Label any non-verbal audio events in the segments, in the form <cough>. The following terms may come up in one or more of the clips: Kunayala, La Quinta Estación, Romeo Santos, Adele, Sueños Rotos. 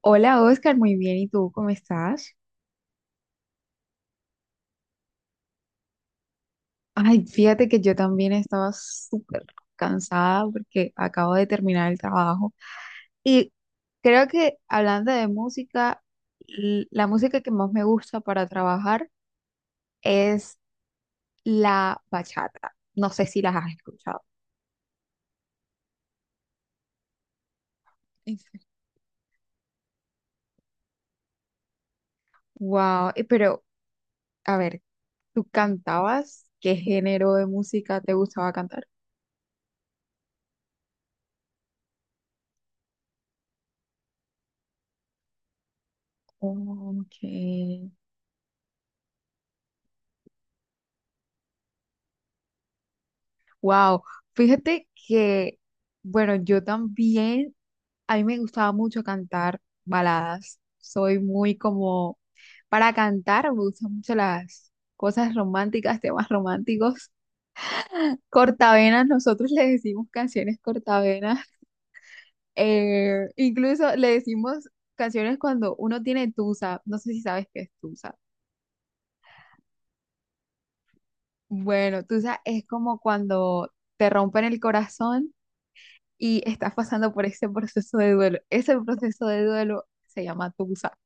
Hola Oscar, muy bien. ¿Y tú cómo estás? Ay, fíjate que yo también estaba súper cansada porque acabo de terminar el trabajo. Y creo que hablando de música, la música que más me gusta para trabajar es la bachata. No sé si las has escuchado. Wow, pero a ver, ¿tú cantabas? ¿Qué género de música te gustaba cantar? Ok. Wow, fíjate que, bueno, yo también, a mí me gustaba mucho cantar baladas. Soy muy como, para cantar me gustan mucho las cosas románticas, temas románticos. Cortavenas, nosotros le decimos canciones cortavenas. Incluso le decimos canciones cuando uno tiene tusa. No sé si sabes qué es tusa. Bueno, tusa es como cuando te rompen el corazón y estás pasando por ese proceso de duelo. Ese proceso de duelo se llama tusa.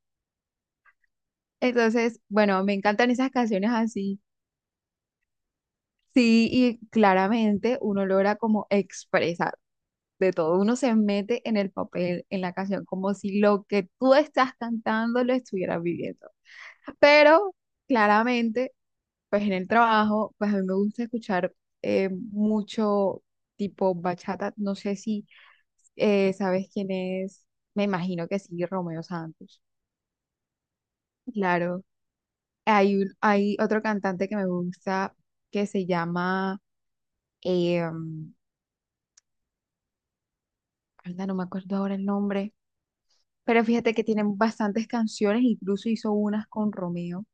Entonces, bueno, me encantan esas canciones así. Sí, y claramente uno logra como expresar de todo. Uno se mete en el papel, en la canción, como si lo que tú estás cantando lo estuvieras viviendo. Pero claramente pues en el trabajo, pues a mí me gusta escuchar mucho tipo bachata. No sé si sabes quién es, me imagino que sí, Romeo Santos. Claro. Hay otro cantante que me gusta que se llama, eh, anda, no me acuerdo ahora el nombre, pero fíjate que tienen bastantes canciones, incluso hizo unas con Romeo.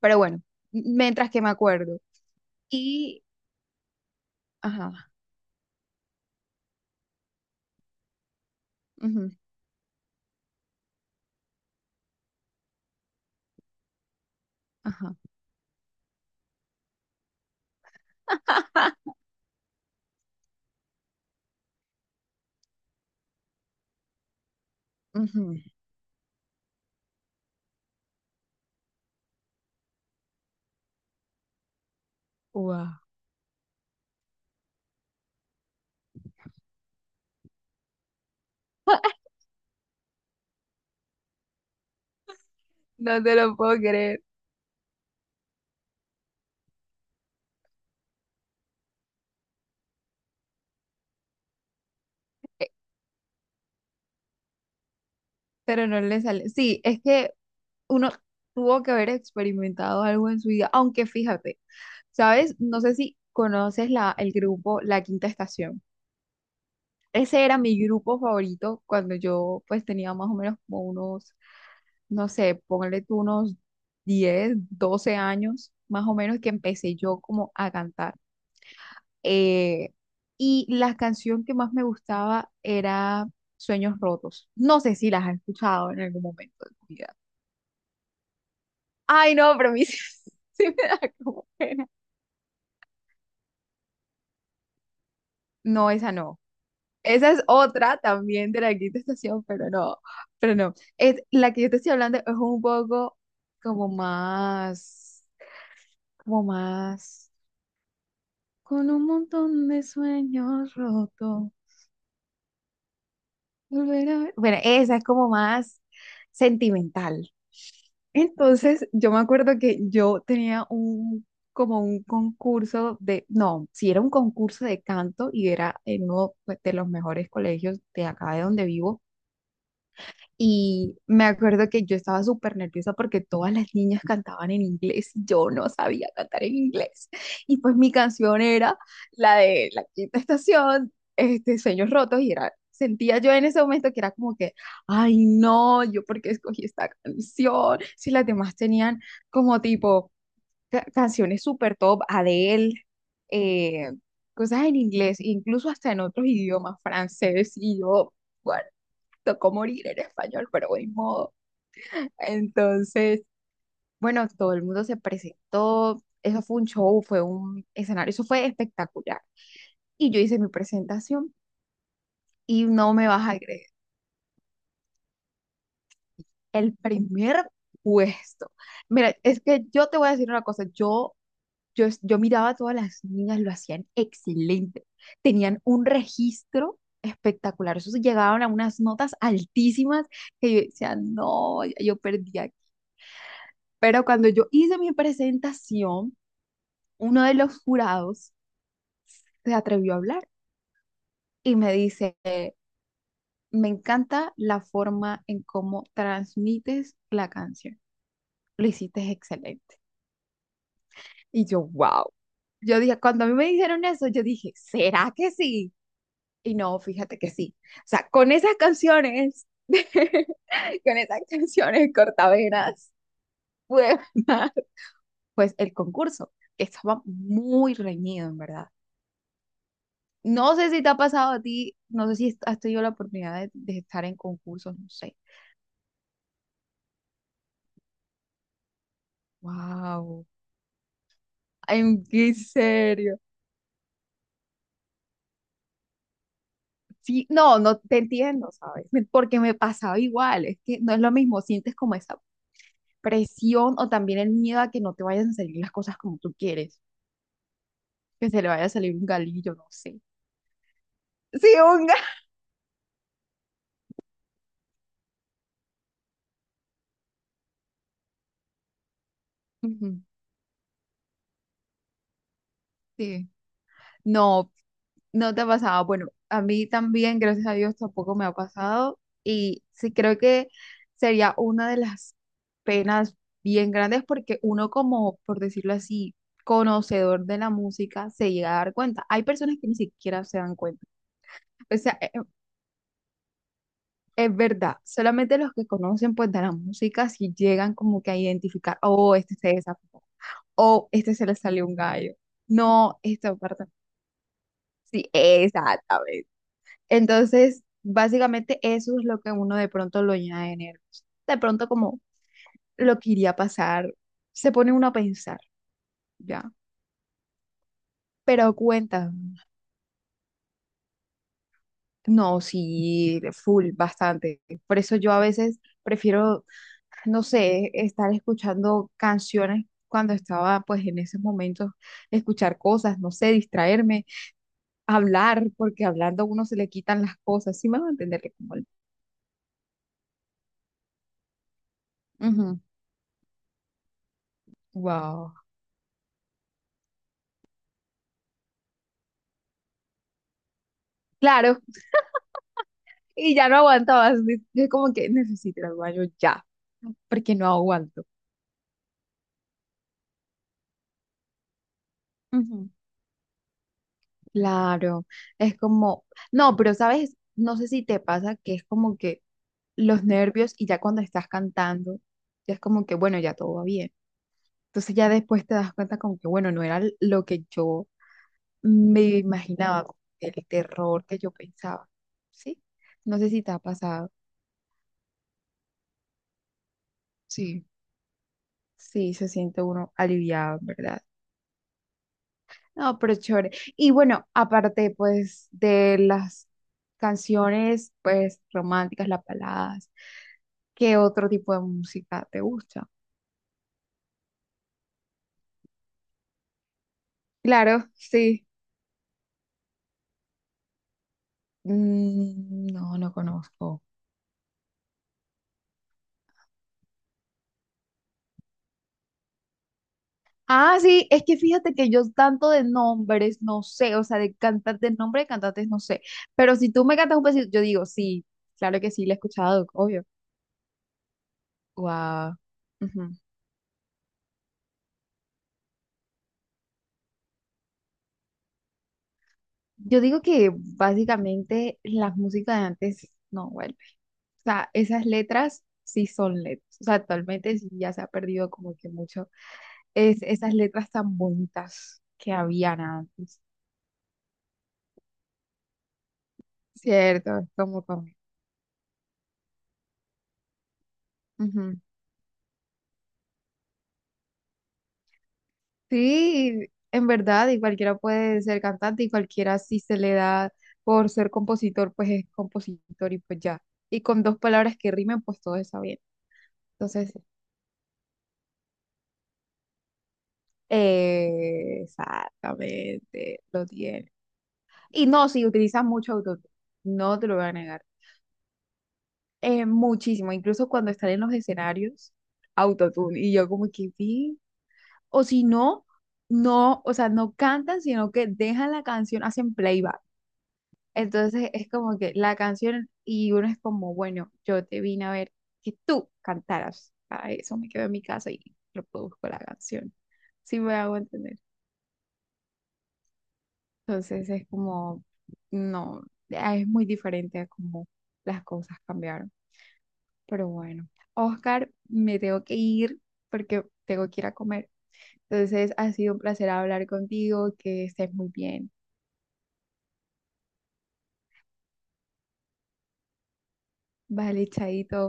Pero bueno, mientras que me acuerdo. Y, ajá, ujú, ajá. <laughs> Ujú. Wow. No te lo puedo creer. Eh, Pero no le sale. Sí, es que uno tuvo que haber experimentado algo en su vida, aunque fíjate, ¿sabes? No sé si conoces el grupo La Quinta Estación. Ese era mi grupo favorito cuando yo pues tenía más o menos como unos, no sé, ponle tú unos 10, 12 años, más o menos que empecé yo como a cantar. eh, y la canción que más me gustaba era Sueños Rotos. No sé si las has escuchado en algún momento de tu vida. Ay, no, pero a mí sí, <laughs> sí me da como pena. No, esa no. Esa es otra también de La Quinta Estación, pero no, pero no. Es, la que yo te estoy hablando es un poco como más, como más, con un montón de sueños rotos. Volver a ver. Bueno, esa es como más sentimental. Entonces, yo me acuerdo que yo tenía un, como un concurso de, no, si era un concurso de canto y era en uno pues, de los mejores colegios de acá de donde vivo. Y me acuerdo que yo estaba súper nerviosa porque todas las niñas cantaban en inglés y yo no sabía cantar en inglés. Y pues mi canción era la de La Quinta Estación, este, Sueños Rotos, y era, sentía yo en ese momento que era como que, ay no, yo porque escogí esta canción, si las demás tenían como tipo canciones súper top, Adele, eh, cosas en inglés, incluso hasta en otros idiomas, francés y yo tocó morir en español, pero de modo. Entonces, bueno, todo el mundo se presentó, eso fue un show, fue un escenario, eso fue espectacular. Y yo hice mi presentación y no me vas a creer, el primer puesto. Mira, es que yo te voy a decir una cosa, yo miraba a todas las niñas, lo hacían excelente, tenían un registro espectacular, eso sí, llegaban a unas notas altísimas que yo decía, no, ya yo perdí. Pero cuando yo hice mi presentación, uno de los jurados se atrevió a hablar y me dice, me encanta la forma en cómo transmites la canción. Lo hiciste excelente. Y yo, wow. Yo dije, cuando a mí me dijeron eso, yo dije, ¿será que sí? Y no, fíjate que sí. O sea, con esas canciones, <laughs> con esas canciones cortavenas, pude ganar, pues el concurso. Que estaba muy reñido, en verdad. No sé si te ha pasado a ti, no sé si has tenido la oportunidad de estar en concursos, no sé. Wow, en qué serio. Sí, no, no te entiendo, ¿sabes? Me- Porque me pasaba igual, es que no es lo mismo, sientes como esa presión o también el miedo a que no te vayan a salir las cosas como tú quieres, que se le vaya a salir un galillo, no sé. Sí, un galillo. <laughs> Sí. No, no te ha pasado. Bueno, a mí también, gracias a Dios, tampoco me ha pasado. Y sí creo que sería una de las penas bien grandes porque uno como, por decirlo así, conocedor de la música, se llega a dar cuenta. Hay personas que ni siquiera se dan cuenta. O sea, es, verdad, solamente los que conocen pues de la música si llegan como que a identificar, oh, este se desafinó, oh, este se le salió un gallo. No, esta parte. Sí, exactamente. Entonces, básicamente eso es lo que uno de pronto lo llena de nervios. De pronto como lo que iría a pasar, se pone uno a pensar, ¿ya? Pero cuenta, no, sí, full, bastante. Por eso yo a veces prefiero, no sé, estar escuchando canciones cuando estaba pues en esos momentos, escuchar cosas, no sé, distraerme, hablar, porque hablando a uno se le quitan las cosas, sí me va a entender que como Ujú. Wow. Claro, y ya no aguantabas. Yo como que necesito ir al baño ya, porque no aguanto. Ujú. Claro, es como, no, pero sabes, no sé si te pasa que es como que los nervios y ya cuando estás cantando, ya es como que, bueno, ya todo va bien. Entonces ya después te das cuenta como que, bueno, no era lo que yo me imaginaba, como que el terror que yo pensaba, ¿sí? No sé si te ha pasado. Sí. Sí, se siente uno aliviado, ¿verdad? No, pero chévere. Y bueno, aparte pues de las canciones pues románticas, las baladas, ¿qué otro tipo de música te gusta? Claro, sí. Mm, no, no conozco. Ah, sí, es que fíjate que yo tanto de nombres no sé, o sea, de cantantes, nombre de cantantes no sé, pero si tú me cantas un pedacito, yo digo, sí, claro que sí, la he escuchado, obvio. Wow. Yo digo que básicamente la música de antes, no, bueno. O sea, esas letras sí son letras. O sea, actualmente sí ya se ha perdido como que mucho es, esas letras tan bonitas que habían antes. Cierto, es como con- Ujú. Sí, en verdad, y cualquiera puede ser cantante y cualquiera si se le da por ser compositor, pues es compositor y pues ya. Y con dos palabras que rimen, pues todo está bien. Entonces, exactamente, lo tiene. Y no, sí, utilizan mucho autotune, no te lo voy a negar. Muchísimo, incluso cuando están en los escenarios, autotune. Y yo como que vi, o si no, no, o sea, no cantan, sino que dejan la canción, hacen playback. Entonces es como que la canción y uno es como, bueno, yo te vine a ver que tú cantaras. Para eso me quedo en mi casa y reproduzco la canción. Sí me hago entender. Entonces es como, no, ah, es muy diferente a cómo las cosas cambiaron. Pero bueno, Oscar, me tengo que ir porque tengo que ir a comer. Entonces, ha sido un placer hablar contigo, que estés muy bien. Vale, chaito.